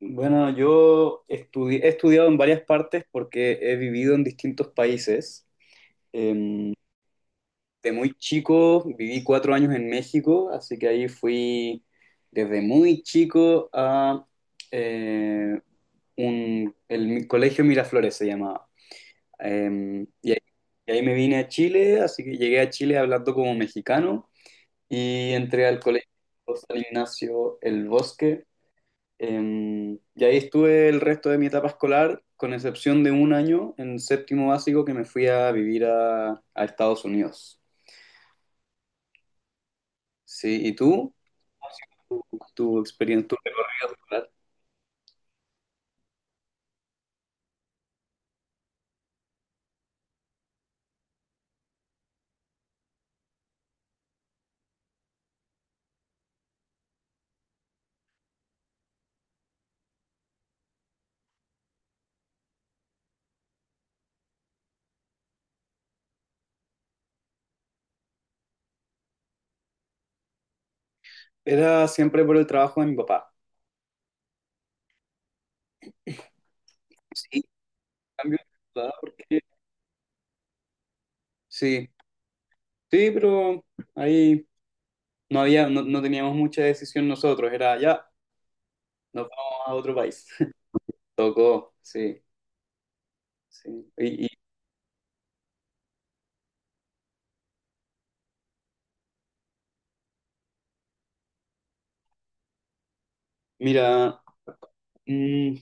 Bueno, he estudiado en varias partes porque he vivido en distintos países. Em, de muy chico viví 4 años en México, así que ahí fui desde muy chico a eh, Colegio Miraflores se llamaba. Y ahí me vine a Chile, así que llegué a Chile hablando como mexicano y entré al Colegio San Ignacio El Bosque. Y ahí estuve el resto de mi etapa escolar, con excepción de un año en séptimo básico que me fui a vivir a Estados Unidos. Sí, ¿y tú? ¿Tu, tu experiencia, tu recorrido escolar? Era siempre por el trabajo de mi papá. Sí, cambio de ciudad, porque sí, sí, pero ahí no había, no teníamos mucha decisión nosotros, era ya, nos vamos a otro país. Tocó, sí, sí. Y mira, mm,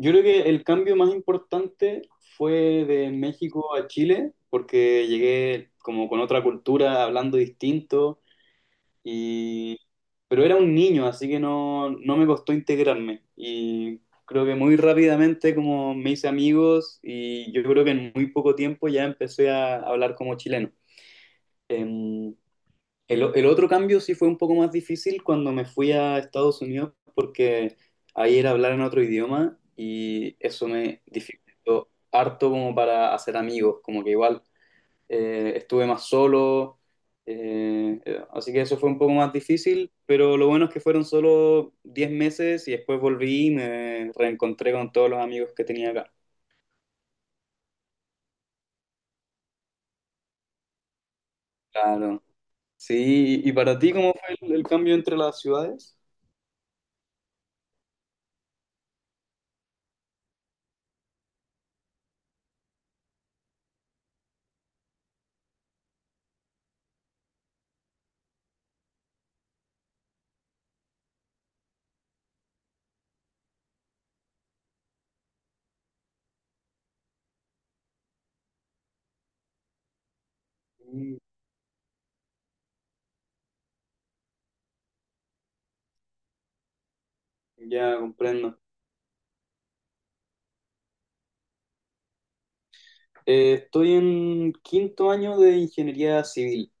yo creo que el cambio más importante fue de México a Chile, porque llegué como con otra cultura, hablando distinto, y pero era un niño, así que no me costó integrarme. Y creo que muy rápidamente como me hice amigos y yo creo que en muy poco tiempo ya empecé a hablar como chileno. Em, el otro cambio sí fue un poco más difícil cuando me fui a Estados Unidos porque ahí era hablar en otro idioma y eso me dificultó harto como para hacer amigos, como que igual estuve más solo, así que eso fue un poco más difícil, pero lo bueno es que fueron solo 10 meses y después volví y me reencontré con todos los amigos que tenía acá. Claro. Sí, ¿y para ti cómo fue el, cambio entre las ciudades? Mm. Ya comprendo. Estoy en quinto año de ingeniería civil.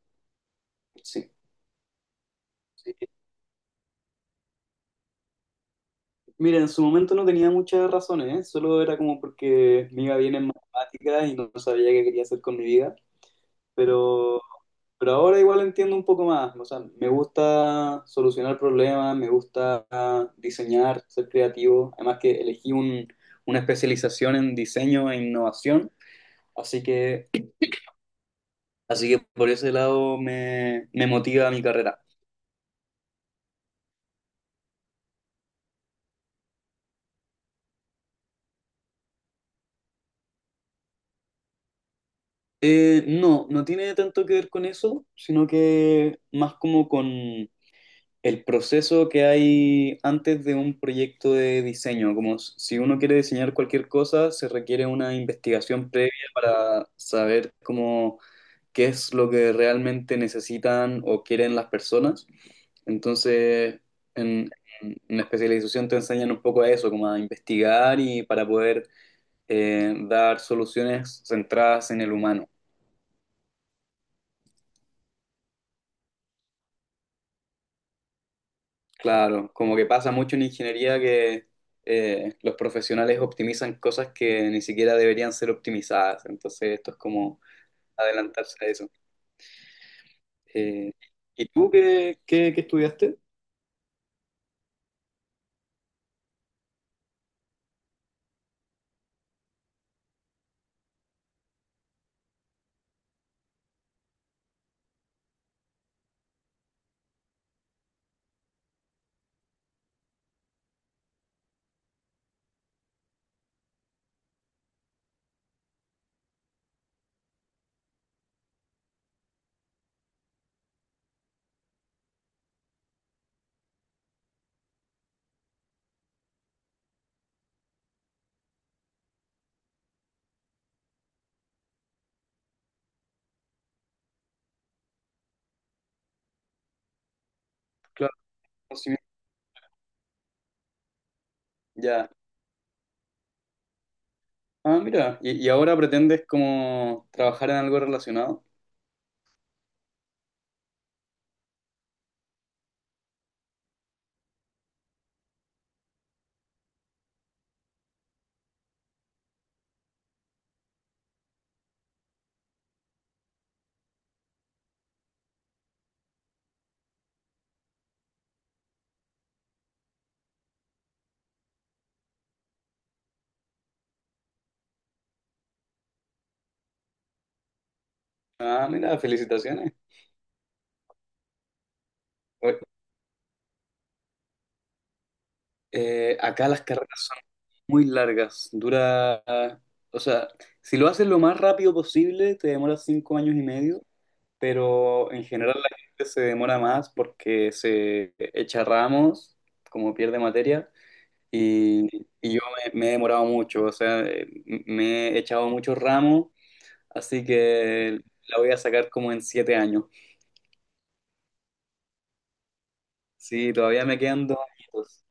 Sí. Sí. Mira, en su momento no tenía muchas razones, ¿eh? Solo era como porque me iba bien en matemáticas y no sabía qué quería hacer con mi vida. Pero, pero ahora igual entiendo un poco más. O sea, me gusta solucionar problemas, me gusta diseñar, ser creativo. Además que una especialización en diseño e innovación. Así que, por ese lado me, me motiva mi carrera. No, no tiene tanto que ver con eso, sino que más como con el proceso que hay antes de un proyecto de diseño. Como si uno quiere diseñar cualquier cosa, se requiere una investigación previa para saber cómo, qué es lo que realmente necesitan o quieren las personas. Entonces, en, la especialización te enseñan un poco a eso, como a investigar y para poder dar soluciones centradas en el humano. Claro, como que pasa mucho en ingeniería que los profesionales optimizan cosas que ni siquiera deberían ser optimizadas, entonces esto es como adelantarse a eso. Eh, ¿Y tú qué, qué estudiaste? Claro, conocimiento. Ya. Ah, mira, y ahora pretendes como trabajar en algo relacionado. Ah, mira, felicitaciones. Oye, acá las carreras muy largas. Dura, o sea, si lo haces lo más rápido posible, te demora 5 años y medio, pero en general la gente se demora más porque se echa ramos, como pierde materia, y, yo me, he demorado mucho, o sea, me he echado muchos ramos, así que la voy a sacar como en 7 años. Sí, todavía me quedan 2 añitos.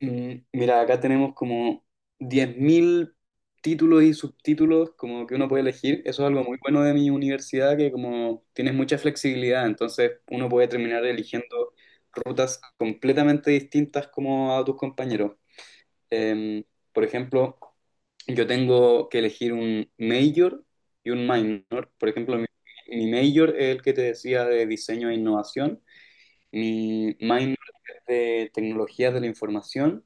Mira, acá tenemos como 10.000 títulos y subtítulos como que uno puede elegir. Eso es algo muy bueno de mi universidad, que como tienes mucha flexibilidad, entonces uno puede terminar eligiendo rutas completamente distintas como a tus compañeros. Em, por ejemplo, yo tengo que elegir un major y un minor. Por ejemplo, mi, major es el que te decía de diseño e innovación, mi minor es de tecnologías de la información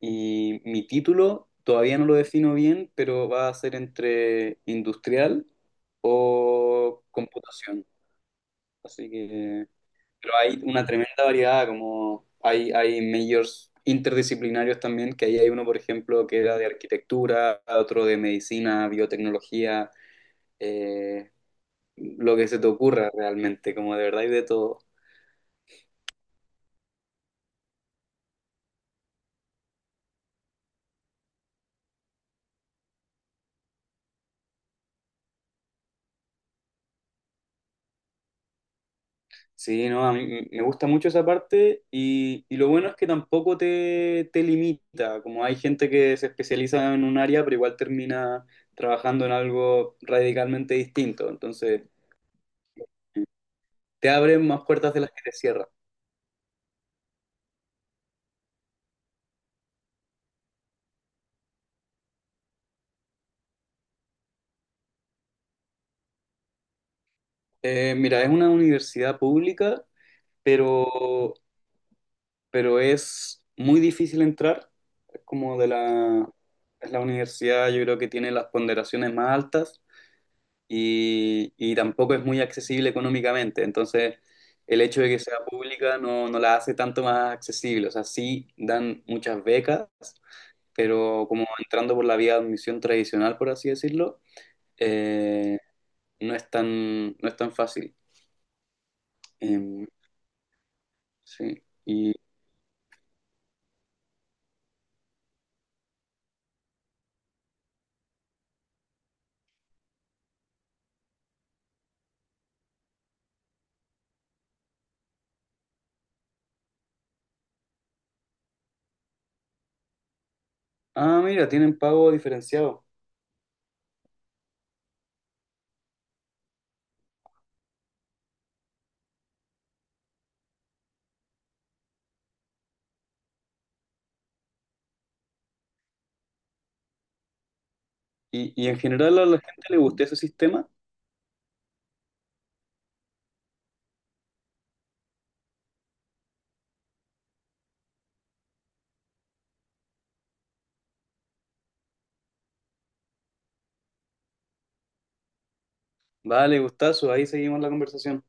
y mi título todavía no lo defino bien, pero va a ser entre industrial o computación. Así que, pero hay una tremenda variedad, como hay, majors interdisciplinarios también, que ahí hay uno, por ejemplo, que era de arquitectura, otro de medicina, biotecnología, eh, lo que se te ocurra realmente, como de verdad y de todo. Sí, no, a mí me gusta mucho esa parte y, lo bueno es que tampoco te, limita, como hay gente que se especializa en un área, pero igual termina trabajando en algo radicalmente distinto, entonces te abren más puertas de las que te cierran. Mira, es una universidad pública, pero, es muy difícil entrar, es como de la, es la universidad yo creo que tiene las ponderaciones más altas y, tampoco es muy accesible económicamente. Entonces, el hecho de que sea pública no la hace tanto más accesible. O sea, sí dan muchas becas, pero como entrando por la vía de admisión tradicional, por así decirlo, eh, no es tan, no es tan fácil. Em, sí. Y, ah, mira, tienen pago diferenciado. Y en general a la gente le gustó ese sistema. Vale, gustazo, ahí seguimos la conversación.